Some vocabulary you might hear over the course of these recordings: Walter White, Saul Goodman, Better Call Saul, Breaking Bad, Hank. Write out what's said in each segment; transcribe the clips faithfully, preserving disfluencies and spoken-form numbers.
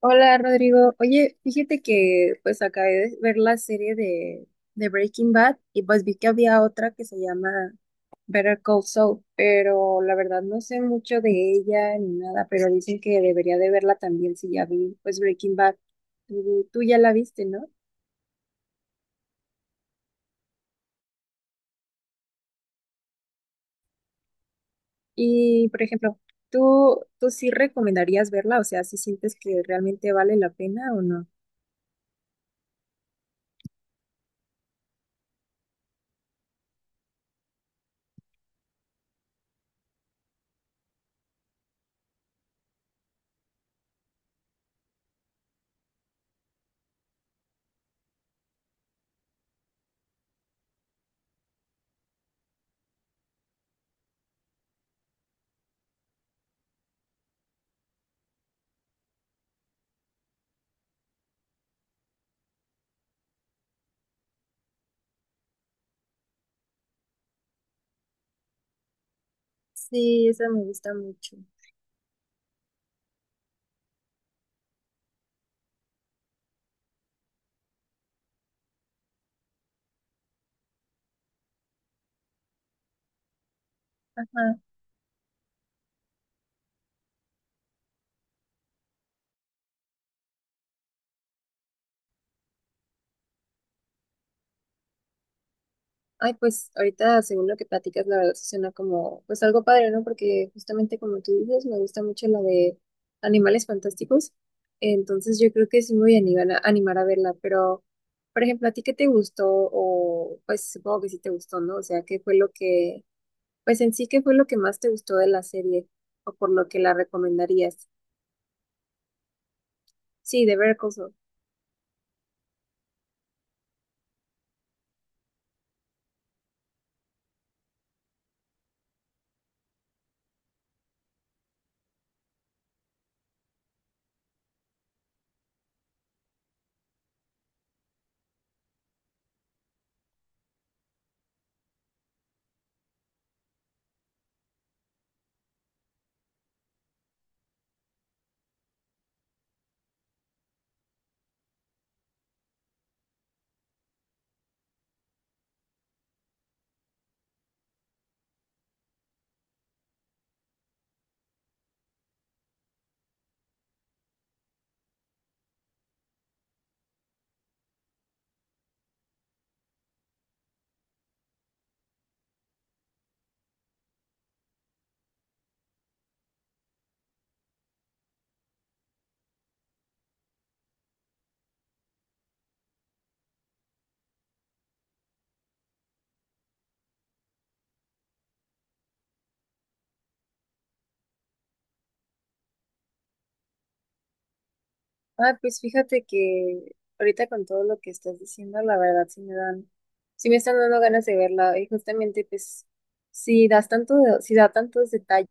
Hola Rodrigo, oye, fíjate que pues acabé de ver la serie de, de Breaking Bad y pues vi que había otra que se llama Better Call Saul, pero la verdad no sé mucho de ella ni nada, pero dicen que debería de verla también si ya vi pues Breaking Bad. Tú, tú ya la viste, ¿no? Y por ejemplo, ¿tú, tú sí recomendarías verla? O sea, ¿si sientes que realmente vale la pena o no? Sí, esa me gusta mucho. Ajá. Ay, pues ahorita, según lo que platicas, la verdad se suena como, pues algo padre, ¿no? Porque justamente como tú dices, me gusta mucho la de Animales Fantásticos. Entonces yo creo que sí me voy a animar a, animar a verla, pero, por ejemplo, ¿a ti qué te gustó? O pues supongo que sí te gustó, ¿no? O sea, ¿qué fue lo que, pues en sí, ¿qué fue lo que más te gustó de la serie? O por lo que la recomendarías. Sí, de Better Call Saul. Ah, pues fíjate que ahorita con todo lo que estás diciendo, la verdad sí me dan, sí me están dando ganas de verla. Y justamente, pues, si das tanto, de- si da tantos detalles,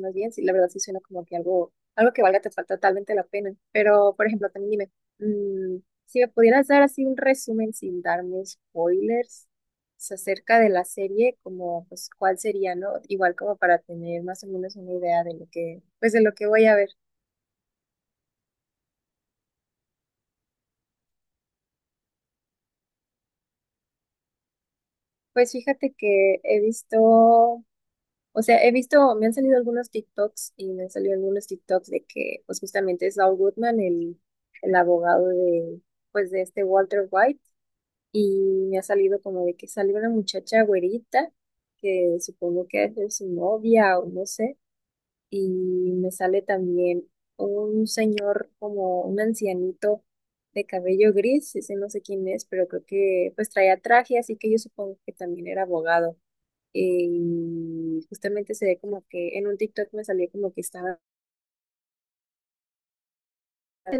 más bien, sí, la verdad sí suena como que algo, algo que valga te- falta totalmente la pena. Pero, por ejemplo, también dime, mm, si me pudieras dar así un resumen sin darme spoilers, pues, acerca de la serie, como, pues, cuál sería, ¿no? Igual como para tener más o menos una idea de lo que, pues, de lo que voy a ver. Pues fíjate que he visto, o sea, he visto, me han salido algunos TikToks y me han salido algunos TikToks de que, pues justamente es Saul Goodman, el, el abogado de, pues de este Walter White, y me ha salido como de que salió una muchacha güerita, que supongo que es su novia o no sé, y me sale también un señor como un ancianito de cabello gris, ese no sé quién es, pero creo que pues traía traje, así que yo supongo que también era abogado. Y justamente se ve como que en un TikTok me salió como que estaba,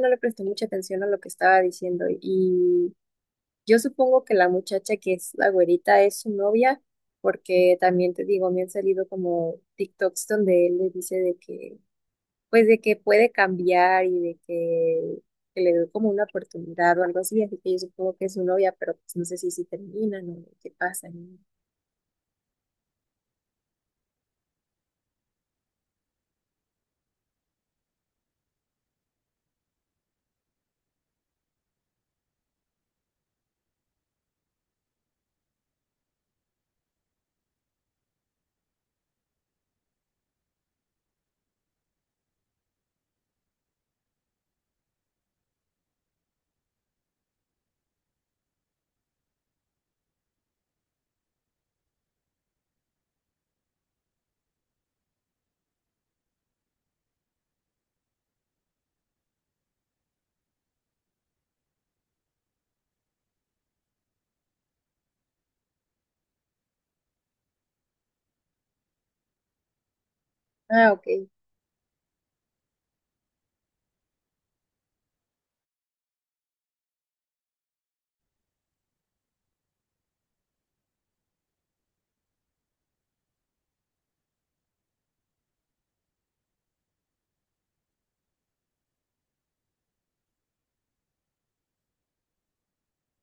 no le presté mucha atención a lo que estaba diciendo. Y yo supongo que la muchacha que es la güerita es su novia, porque también te digo, me han salido como TikToks donde él le dice de que, pues de que puede cambiar y de que, que le doy como una oportunidad o algo así. Así que yo supongo que es su novia, pero pues no sé si si terminan o qué pasa, ¿no? Ah, ok.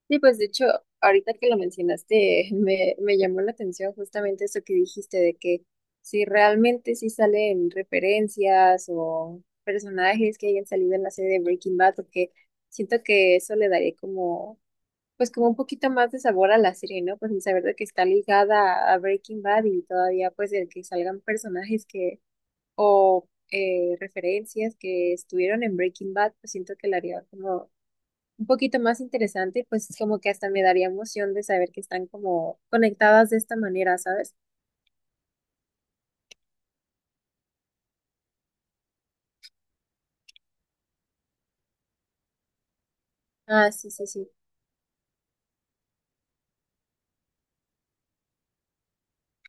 Sí, pues de hecho, ahorita que lo mencionaste, me, me llamó la atención justamente eso que dijiste de que si realmente sí salen referencias o personajes que hayan salido en la serie de Breaking Bad, porque siento que eso le daría como, pues como un poquito más de sabor a la serie, ¿no? Pues el saber de que está ligada a Breaking Bad y todavía pues el que salgan personajes que, o eh, referencias que estuvieron en Breaking Bad, pues siento que le haría como un poquito más interesante, pues es como que hasta me daría emoción de saber que están como conectadas de esta manera, ¿sabes? Ah, sí, sí, sí.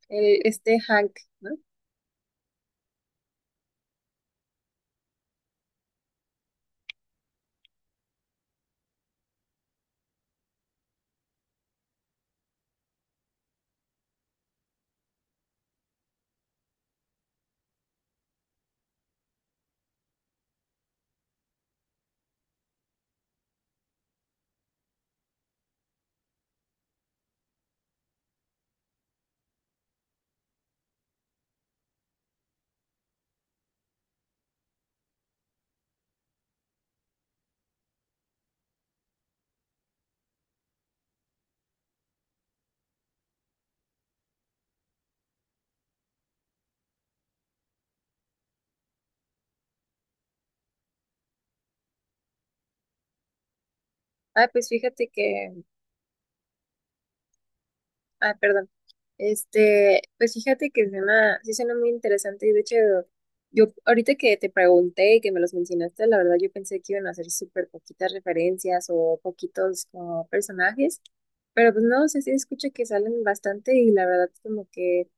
El, este Hank, ¿no? Ah, pues fíjate que, ah, perdón. Este, pues fíjate que suena, sí suena muy interesante y de hecho, yo ahorita que te pregunté y que me los mencionaste, la verdad yo pensé que iban a ser súper poquitas referencias o poquitos como personajes, pero pues no, o sea, sí escucho que salen bastante y la verdad como que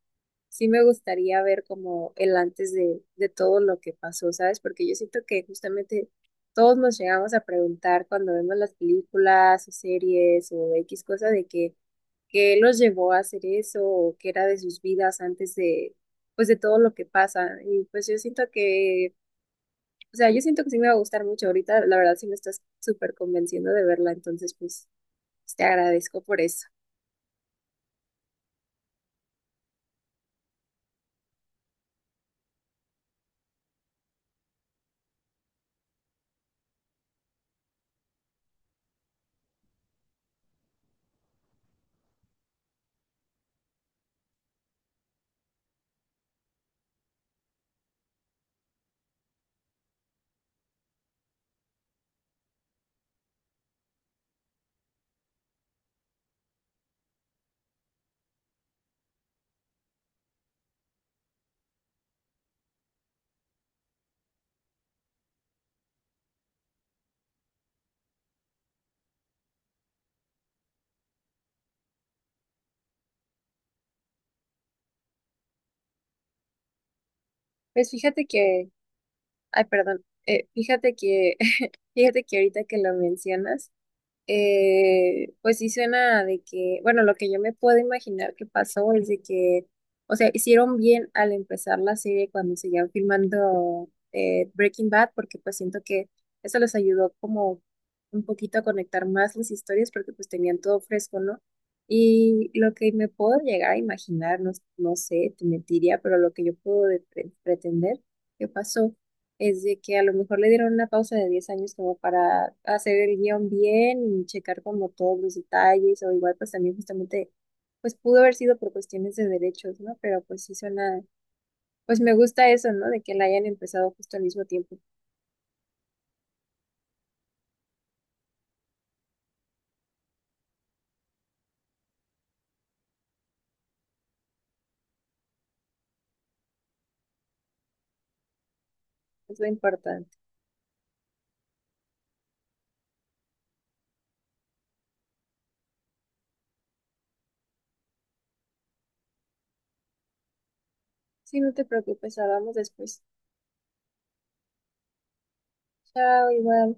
sí me gustaría ver como el antes de, de todo lo que pasó, ¿sabes? Porque yo siento que justamente todos nos llegamos a preguntar cuando vemos las películas o series o equis cosa de que qué los llevó a hacer eso o qué era de sus vidas antes de, pues de todo lo que pasa. Y pues yo siento que, o sea, yo siento que sí me va a gustar mucho ahorita, la verdad sí me estás súper convenciendo de verla, entonces pues pues, te agradezco por eso. Pues fíjate que Ay, perdón. Eh, fíjate que, fíjate que ahorita que lo mencionas, eh, pues sí suena de que, bueno, lo que yo me puedo imaginar que pasó es de que, o sea, hicieron bien al empezar la serie cuando seguían filmando eh, Breaking Bad, porque pues siento que eso les ayudó como un poquito a conectar más las historias, porque pues tenían todo fresco, ¿no? Y lo que me puedo llegar a imaginar, no, no sé, te mentiría, pero lo que yo puedo de- pre- pretender que pasó es de que a lo mejor le dieron una pausa de diez años como para hacer el guión bien y checar como todos los detalles o igual pues también justamente pues pudo haber sido por cuestiones de derechos, ¿no? Pero pues sí suena, pues me gusta eso, ¿no? De que la hayan empezado justo al mismo tiempo. Es lo importante. Sí, no te preocupes, hablamos después. Chao, igual.